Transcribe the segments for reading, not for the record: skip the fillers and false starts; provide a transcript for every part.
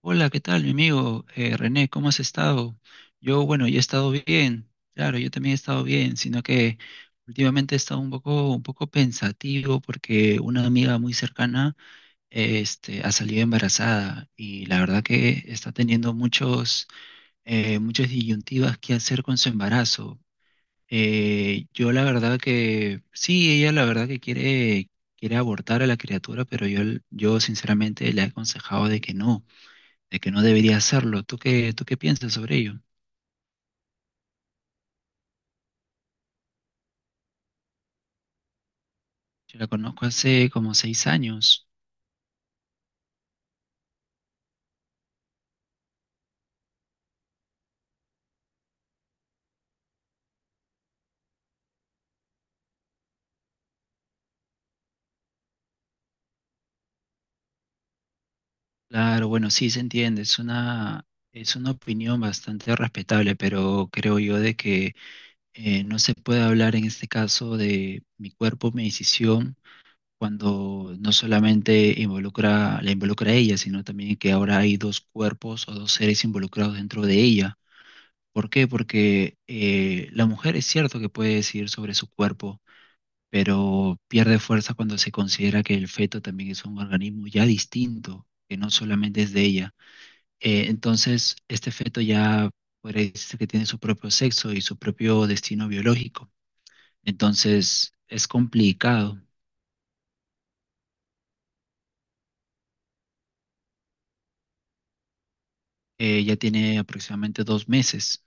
Hola, ¿qué tal, mi amigo René? ¿Cómo has estado? Yo, bueno, yo he estado bien, claro, yo también he estado bien, sino que últimamente he estado un poco pensativo porque una amiga muy cercana, ha salido embarazada y la verdad que está teniendo muchas disyuntivas que hacer con su embarazo. Yo la verdad que, sí, ella la verdad que quiere abortar a la criatura, pero yo sinceramente le he aconsejado de que no debería hacerlo. ¿Tú qué piensas sobre ello? Yo la conozco hace como 6 años. Claro, bueno, sí se entiende, es una opinión bastante respetable, pero creo yo de que no se puede hablar en este caso de mi cuerpo, mi decisión, cuando no solamente la involucra a ella, sino también que ahora hay dos cuerpos o dos seres involucrados dentro de ella. ¿Por qué? Porque la mujer es cierto que puede decidir sobre su cuerpo, pero pierde fuerza cuando se considera que el feto también es un organismo ya distinto, que no solamente es de ella. Entonces, este feto ya podría decirse que tiene su propio sexo y su propio destino biológico. Entonces, es complicado. Ya tiene aproximadamente 2 meses.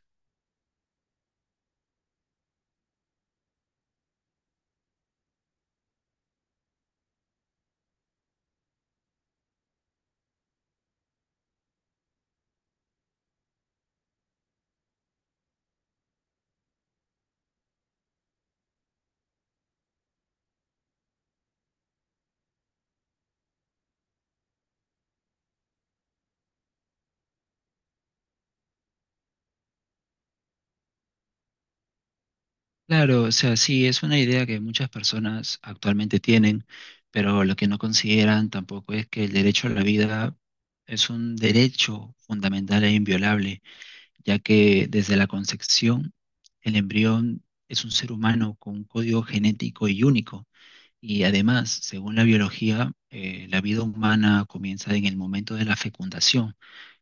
Claro, o sea, sí, es una idea que muchas personas actualmente tienen, pero lo que no consideran tampoco es que el derecho a la vida es un derecho fundamental e inviolable, ya que desde la concepción el embrión es un ser humano con un código genético y único. Y además, según la biología, la vida humana comienza en el momento de la fecundación,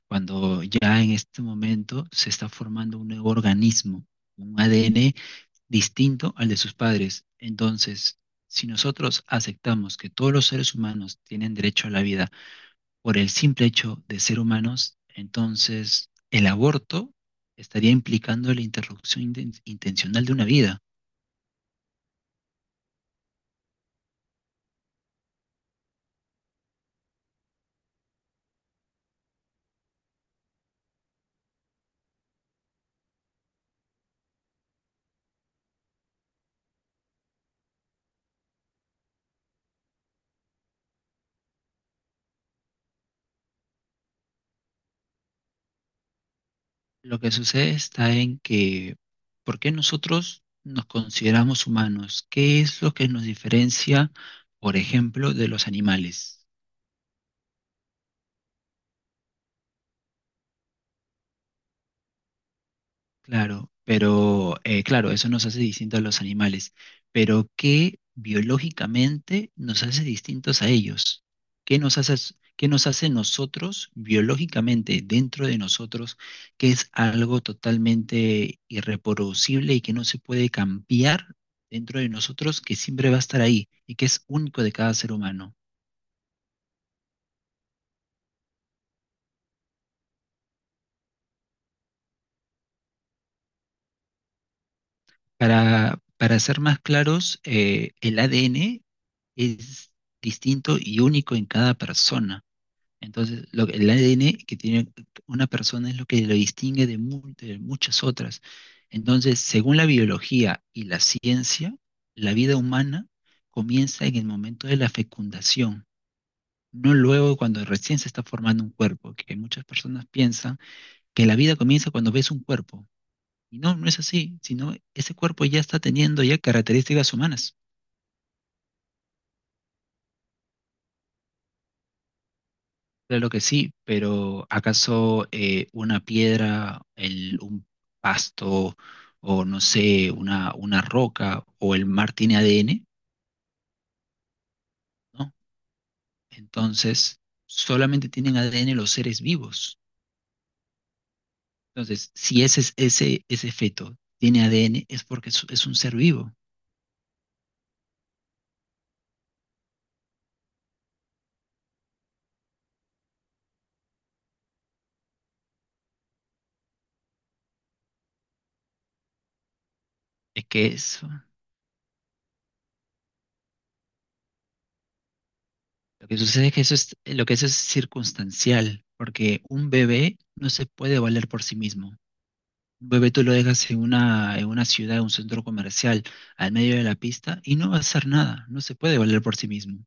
cuando ya en este momento se está formando un nuevo organismo, un ADN distinto al de sus padres. Entonces, si nosotros aceptamos que todos los seres humanos tienen derecho a la vida por el simple hecho de ser humanos, entonces el aborto estaría implicando la interrupción intencional de una vida. Lo que sucede está en que, ¿por qué nosotros nos consideramos humanos? ¿Qué es lo que nos diferencia, por ejemplo, de los animales? Claro, pero claro, eso nos hace distintos a los animales, pero ¿qué biológicamente nos hace distintos a ellos? ¿Qué nos hace, qué nos hace nosotros biológicamente dentro de nosotros, que es algo totalmente irreproducible y que no se puede cambiar dentro de nosotros, que siempre va a estar ahí y que es único de cada ser humano? Para ser más claros, el ADN es distinto y único en cada persona. Entonces, el ADN que tiene una persona es lo que lo distingue de, de muchas otras. Entonces, según la biología y la ciencia, la vida humana comienza en el momento de la fecundación, no luego cuando recién se está formando un cuerpo, que muchas personas piensan que la vida comienza cuando ves un cuerpo. Y no, no es así, sino ese cuerpo ya está teniendo ya características humanas. Claro que sí, pero ¿acaso una piedra, un pasto o no sé, una roca o el mar tiene ADN? ¿No? Entonces, solamente tienen ADN los seres vivos. Entonces, si ese feto tiene ADN, es porque es un ser vivo. Es que eso, lo que sucede es que eso es circunstancial, porque un bebé no se puede valer por sí mismo. Un bebé tú lo dejas en una, ciudad, en un centro comercial, al medio de la pista, y no va a hacer nada, no se puede valer por sí mismo.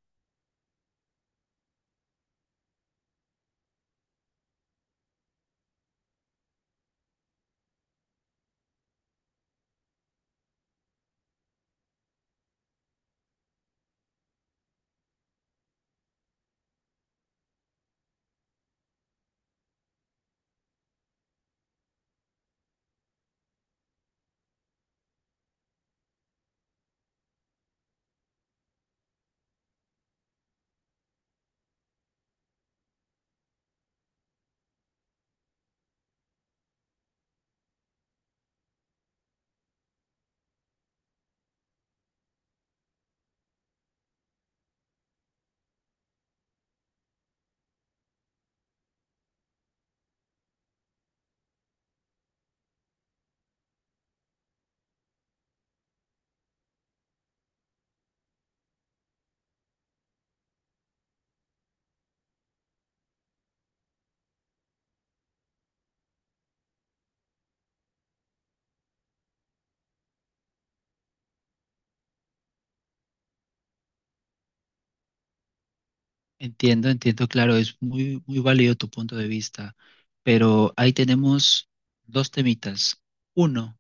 Entiendo, entiendo, claro, es muy, muy válido tu punto de vista, pero ahí tenemos dos temitas. Uno,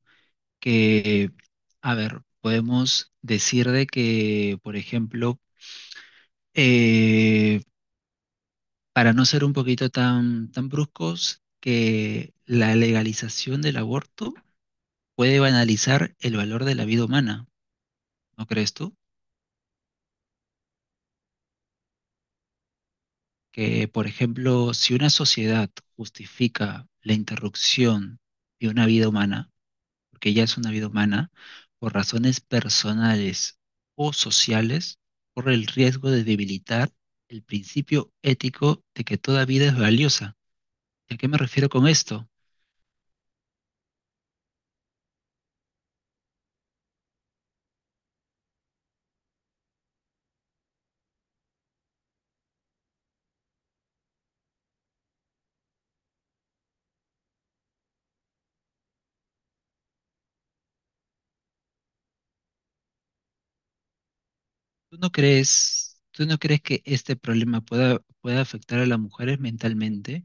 que, a ver, podemos decir de que, por ejemplo, eh, para no ser un poquito tan, tan bruscos, que la legalización del aborto puede banalizar el valor de la vida humana. ¿No crees tú? Que, por ejemplo, si una sociedad justifica la interrupción de una vida humana, porque ya es una vida humana, por razones personales o sociales, corre el riesgo de debilitar el principio ético de que toda vida es valiosa. ¿Y a qué me refiero con esto? ¿Tú no crees que este problema pueda afectar a las mujeres mentalmente?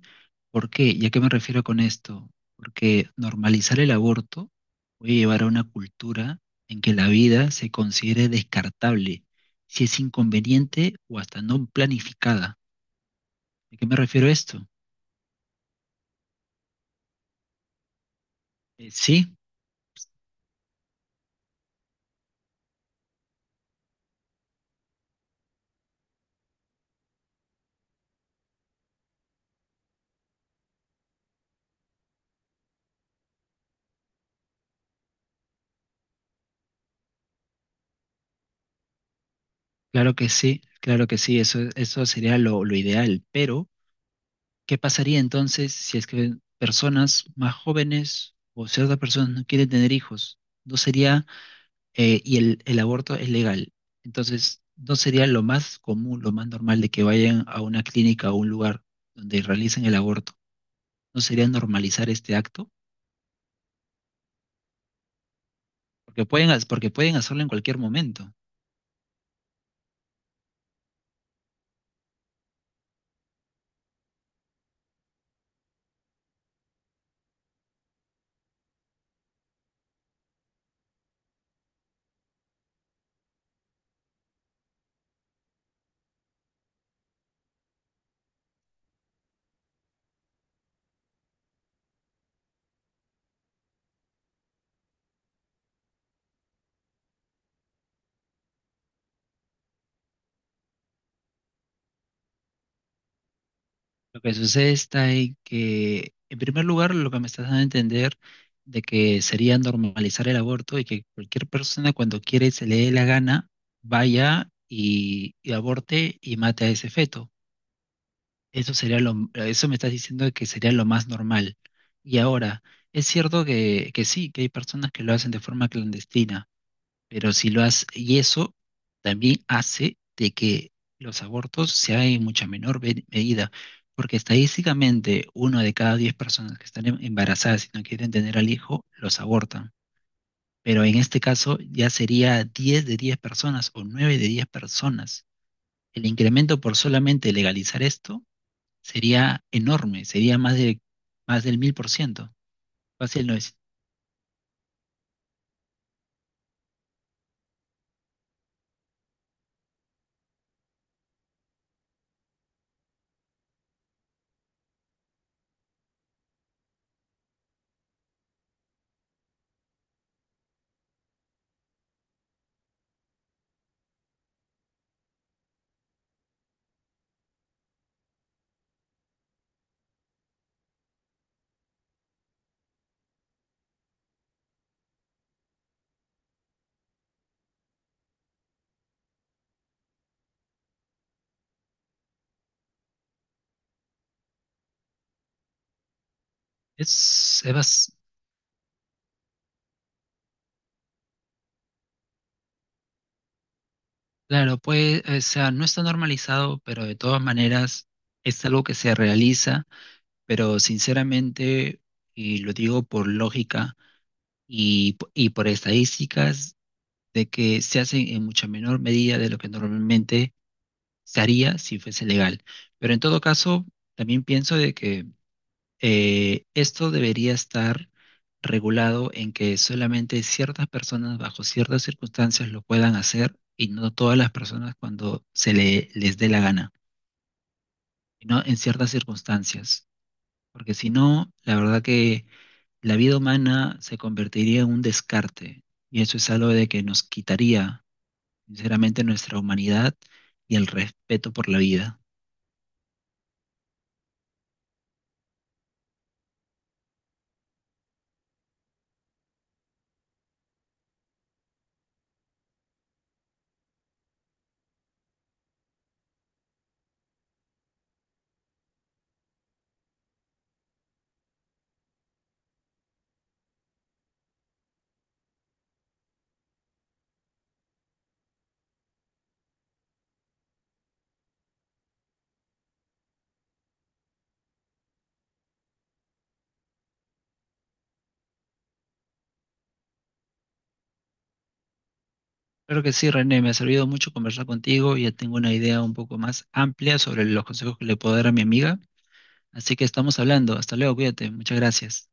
¿Por qué? ¿Y a qué me refiero con esto? Porque normalizar el aborto puede llevar a una cultura en que la vida se considere descartable, si es inconveniente o hasta no planificada. ¿A qué me refiero a esto? Sí, claro que sí, claro que sí, eso sería lo ideal, pero ¿qué pasaría entonces si es que personas más jóvenes o ciertas personas no quieren tener hijos? No sería, y el aborto es legal. Entonces, no sería lo más común, lo más normal de que vayan a una clínica o un lugar donde realicen el aborto. No sería normalizar este acto, porque pueden hacerlo en cualquier momento. Lo que sucede está en que, en primer lugar, lo que me estás dando a entender de que sería normalizar el aborto y que cualquier persona cuando quiere y se le dé la gana, vaya y aborte y mate a ese feto. Eso sería lo, eso me estás diciendo que sería lo más normal. Y ahora, es cierto que sí, que hay personas que lo hacen de forma clandestina, pero si lo hace, y eso también hace de que los abortos se hagan en mucha menor medida, porque estadísticamente 1 de cada 10 personas que están embarazadas y no quieren tener al hijo, los abortan. Pero en este caso ya sería 10 de 10 personas o 9 de 10 personas. El incremento por solamente legalizar esto sería enorme, sería más del 1000%, casi el 900. Es, es es bas- Claro, pues, o sea, no está normalizado, pero de todas maneras es algo que se realiza, pero sinceramente, y lo digo por lógica y, y por estadísticas, de que se hace en mucha menor medida de lo que normalmente se haría si fuese legal. Pero en todo caso, también pienso de que esto debería estar regulado en que solamente ciertas personas bajo ciertas circunstancias lo puedan hacer y no todas las personas cuando se les dé la gana, no en ciertas circunstancias. Porque si no, la verdad que la vida humana se convertiría en un descarte y eso es algo de que nos quitaría, sinceramente, nuestra humanidad y el respeto por la vida. Claro que sí, René, me ha servido mucho conversar contigo, y ya tengo una idea un poco más amplia sobre los consejos que le puedo dar a mi amiga. Así que estamos hablando. Hasta luego, cuídate. Muchas gracias.